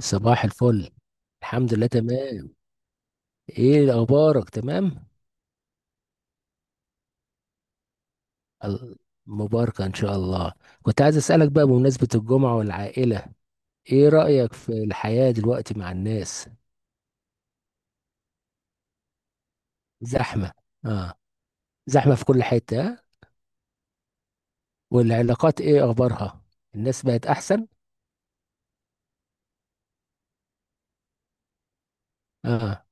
صباح الفل. الحمد لله، تمام. ايه اخبارك؟ تمام. ال- مباركة ان شاء الله. كنت عايز اسألك بقى بمناسبة الجمعة والعائلة. ايه رأيك في الحياة دلوقتي مع الناس؟ زحمة. اه. زحمة في كل حتة آه؟ والعلاقات ايه اخبارها؟ الناس بقت احسن؟ اه.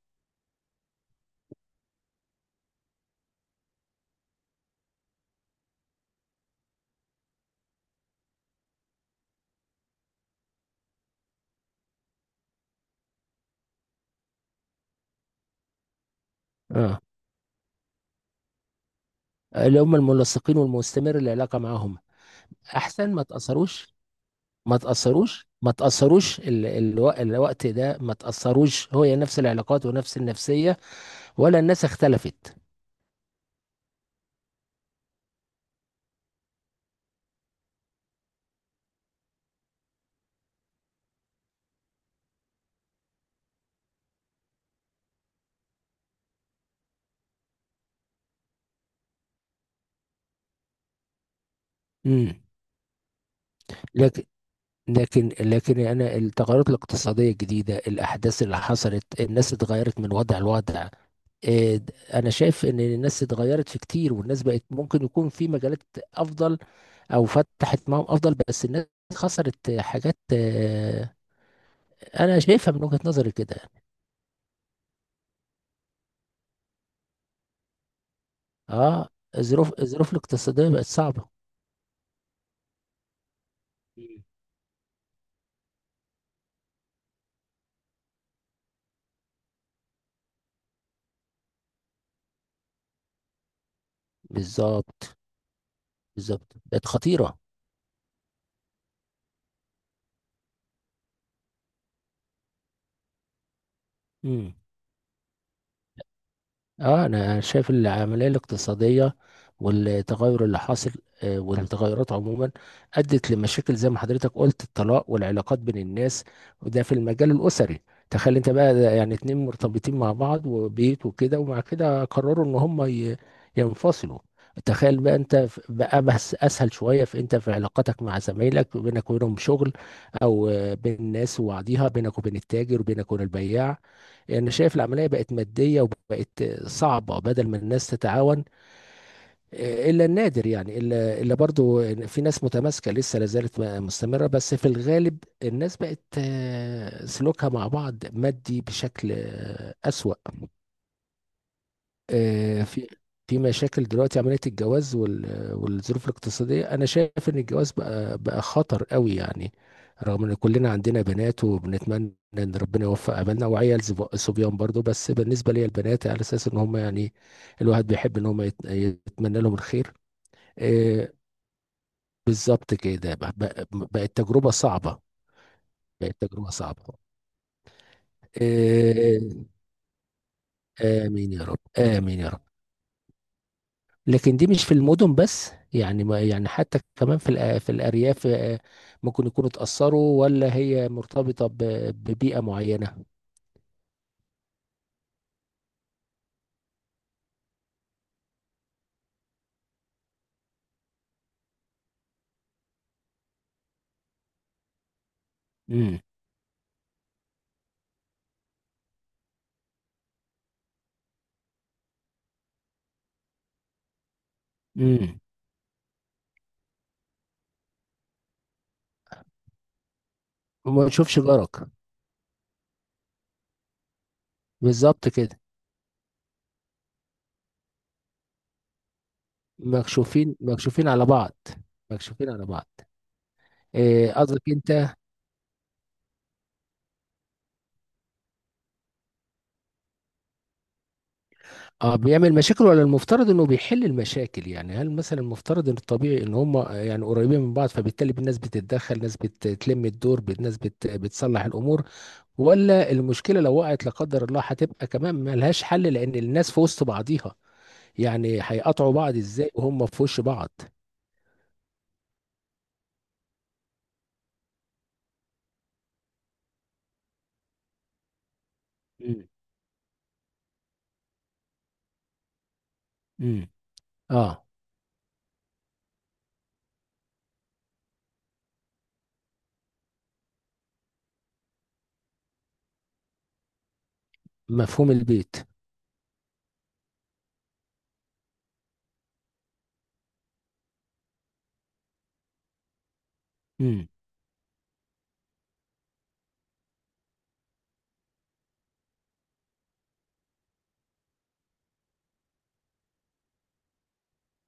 اه. اللي هم الملصقين والمستمر العلاقة معاهم. احسن ما تأثروش. ما تأثروش الوقت ده ما تأثروش، هو نفس العلاقات ونفس النفسية، ولا الناس اختلفت؟ امم. لكن لكن انا، التغيرات الاقتصاديه الجديده، الاحداث اللي حصلت، الناس اتغيرت من وضع لوضع. إيه، انا شايف ان الناس اتغيرت في كتير، والناس بقت ممكن يكون في مجالات افضل، او فتحت معاهم افضل، بس الناس خسرت حاجات. انا شايفها من وجهة نظري كده. اه، الظروف الاقتصاديه بقت صعبه. مم. بالظبط، بالظبط بقت خطيره. اه، انا شايف العمليه الاقتصاديه والتغير اللي حاصل والتغيرات عموما ادت لمشاكل، زي ما حضرتك قلت، الطلاق والعلاقات بين الناس، وده في المجال الاسري. تخيل انت بقى، ده يعني اتنين مرتبطين مع بعض وبيت وكده، ومع كده قرروا ان هم ينفصلوا. تخيل بقى انت بقى بس اسهل شويه، في انت في علاقتك مع زمايلك بينك وبينهم شغل، او بين الناس وبعضيها، بينك وبين التاجر وبينك وبين البياع. يعني شايف العملية بقت مادية وبقت صعبة بدل ما الناس تتعاون إلا النادر، يعني إلا برضو إن في ناس متماسكة لسه لا زالت مستمرة، بس في الغالب الناس بقت سلوكها مع بعض مادي بشكل أسوأ. آه، في في مشاكل دلوقتي، عملية الجواز والظروف الاقتصادية. أنا شايف إن الجواز بقى خطر قوي يعني، رغم إن كلنا عندنا بنات وبنتمنى إن ربنا يوفق، عملنا وعيال صبيان برضو، بس بالنسبة لي البنات على أساس إن هم يعني، الواحد بيحب إن هم يتمنى لهم الخير. آه، بالظبط كده، بقت تجربة صعبة. بقت تجربة صعبة. آه. آمين يا رب، آمين يا رب. لكن دي مش في المدن بس يعني، ما يعني حتى كمان في الأرياف ممكن يكونوا اتأثروا، ولا هي مرتبطة ببيئة معينة؟ امم. امم. وما تشوفش جارك. بالظبط كده. مكشوفين على بعض. مكشوفين على بعض. آه، قصدك انت. اه، بيعمل مشاكل ولا المفترض انه بيحل المشاكل؟ يعني هل مثلا المفترض ان الطبيعي ان هم يعني قريبين من بعض، فبالتالي الناس بتتدخل، ناس بتلم الدور، ناس بتصلح الامور، ولا المشكله لو وقعت لا قدر الله هتبقى كمان ملهاش حل لان الناس في وسط بعضيها، يعني هيقطعوا بعض ازاي وهم في وش بعض؟ مم. امم. اه، مفهوم البيت. امم.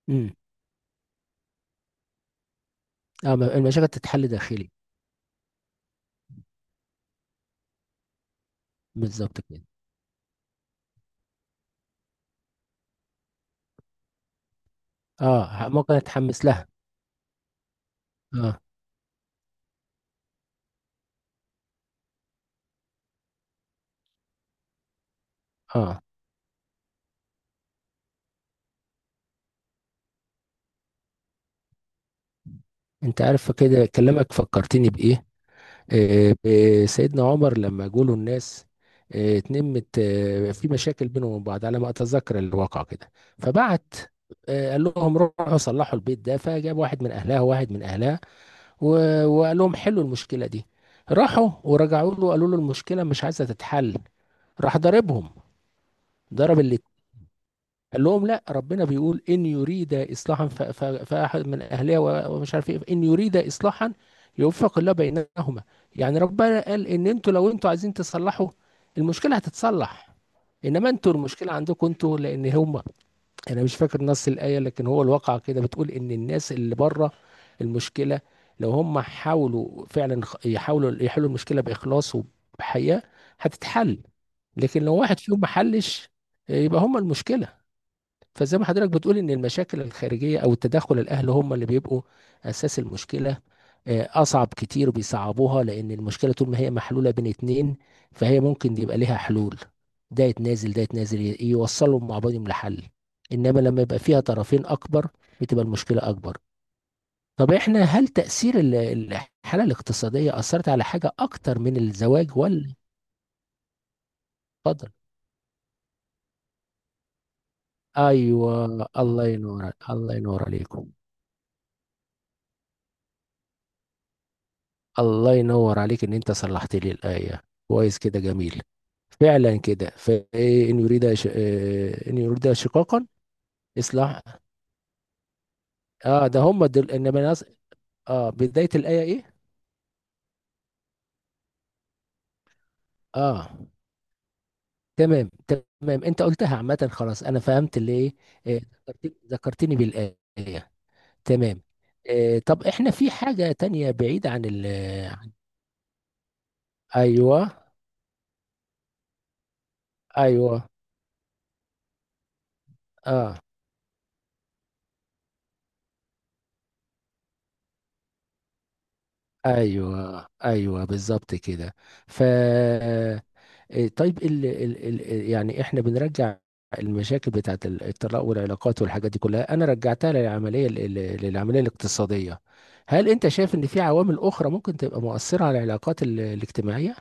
امم. اه، المشاكل تتحل داخلي. بالظبط كده. اه، ممكن اتحمس لها. اه. اه. انت عارف كده، كلامك فكرتني بايه. سيدنا عمر لما جوله الناس اتنمت في مشاكل بينهم وبين بعض، على ما اتذكر الواقع كده. فبعت، قال لهم روحوا صلحوا البيت ده، فجاب واحد من اهلها وواحد من اهلها، وقال لهم حلوا المشكله دي. راحوا ورجعوا له قالوا له المشكله مش عايزه تتحل. راح ضربهم. ضرب اللي. قال لهم لا، ربنا بيقول ان يريد اصلاحا، فاحد من اهلها ومش عارف ايه، ان يريد اصلاحا يوفق الله بينهما. يعني ربنا قال ان انتوا لو انتوا عايزين تصلحوا، المشكله هتتصلح، انما انتوا المشكله عندكم انتوا، لان هم. انا مش فاكر نص الايه لكن هو الواقع كده، بتقول ان الناس اللي بره المشكله، لو هم حاولوا فعلا يحاولوا يحلوا المشكله باخلاص وبحياء هتتحل، لكن لو واحد فيهم ما حلش يبقى هم المشكله. فزي ما حضرتك بتقول، ان المشاكل الخارجيه او التدخل الاهلي هم اللي بيبقوا اساس المشكله. اصعب كتير، بيصعبوها، لان المشكله طول ما هي محلوله بين اتنين فهي ممكن يبقى ليها حلول. ده يتنازل، ده يتنازل، يوصلوا مع بعضهم لحل. انما لما يبقى فيها طرفين اكبر، بتبقى المشكله اكبر. طب احنا، هل تاثير الحاله الاقتصاديه اثرت على حاجه اكتر من الزواج، ولا؟ اتفضل. ايوه، الله ينور، الله ينور عليكم. الله ينور عليك، ان انت صلحت لي الايه كويس كده، جميل. فعلا كده، فايه ان يريد ان يريد شقاقا. اصلاح. اه، ده هم دول، انما اه، بدايه الايه ايه؟ اه، تمام، تمام، انت قلتها عامه، خلاص انا فهمت اللي ايه. آه، ذكرتني بالايه. تمام. طب احنا في حاجه تانية بعيده عن عن- ايوه. ايوه. اه. ايوه، ايوه، بالظبط كده. ف إيه، طيب، ال ال ال يعني احنا بنرجع، المشاكل بتاعت الطلاق والعلاقات والحاجات دي كلها، انا رجعتها للعمليه للعمليه الاقتصاديه. هل انت شايف ان في عوامل اخرى ممكن تبقى مؤثره على العلاقات الاجتماعيه؟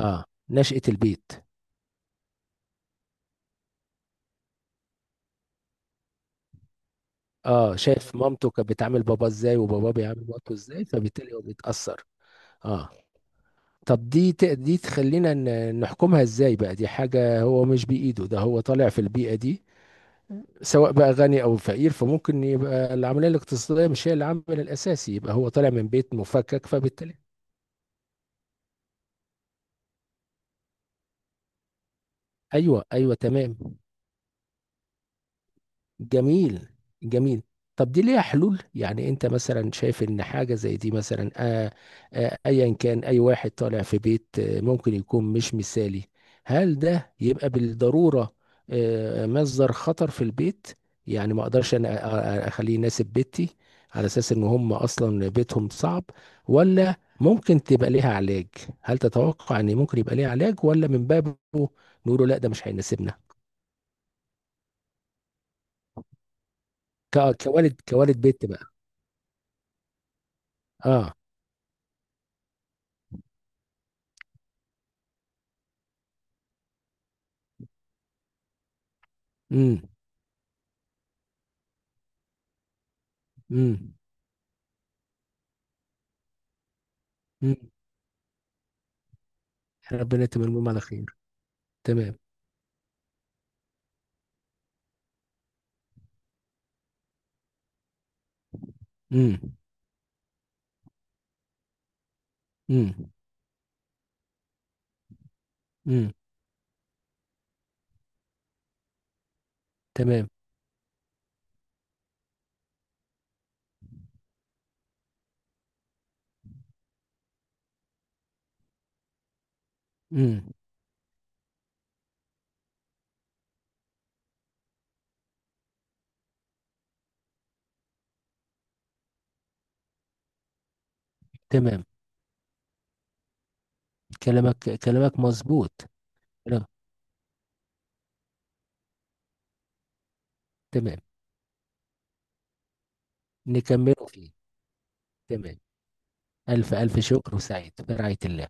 اه، نشأة البيت. اه، شايف مامته كانت بتعامل بابا ازاي وباباه بيعامل مامته ازاي، فبالتالي هو بيتأثر. اه. طب دي دي تخلينا نحكمها ازاي بقى، دي حاجه هو مش بايده، ده هو طالع في البيئه دي سواء بقى غني او فقير، فممكن يبقى العمليه الاقتصاديه مش هي العامل الاساسي، يبقى هو طالع من بيت مفكك فبالتالي. ايوه، ايوه، تمام. جميل. جميل. طب دي ليها حلول؟ يعني انت مثلا شايف ان حاجة زي دي مثلا، ايا كان اي واحد طالع في بيت ممكن يكون مش مثالي، هل ده يبقى بالضرورة مصدر خطر في البيت؟ يعني ما اقدرش انا اخليه يناسب بيتي على اساس ان هم اصلا بيتهم صعب، ولا ممكن تبقى ليها علاج؟ هل تتوقع ان ممكن يبقى ليها علاج، ولا من بابه نقوله لا، ده مش هيناسبنا؟ كوالد، كوالد بيت بقى. اه. امم. امم. امم. ربنا يتمم لهم على خير. تمام. امم. امم. امم. تمام. امم. تمام. كلامك مظبوط. كلام- تمام. نكمله فيه. تمام. ألف ألف شكر، وسعيد برعاية الله.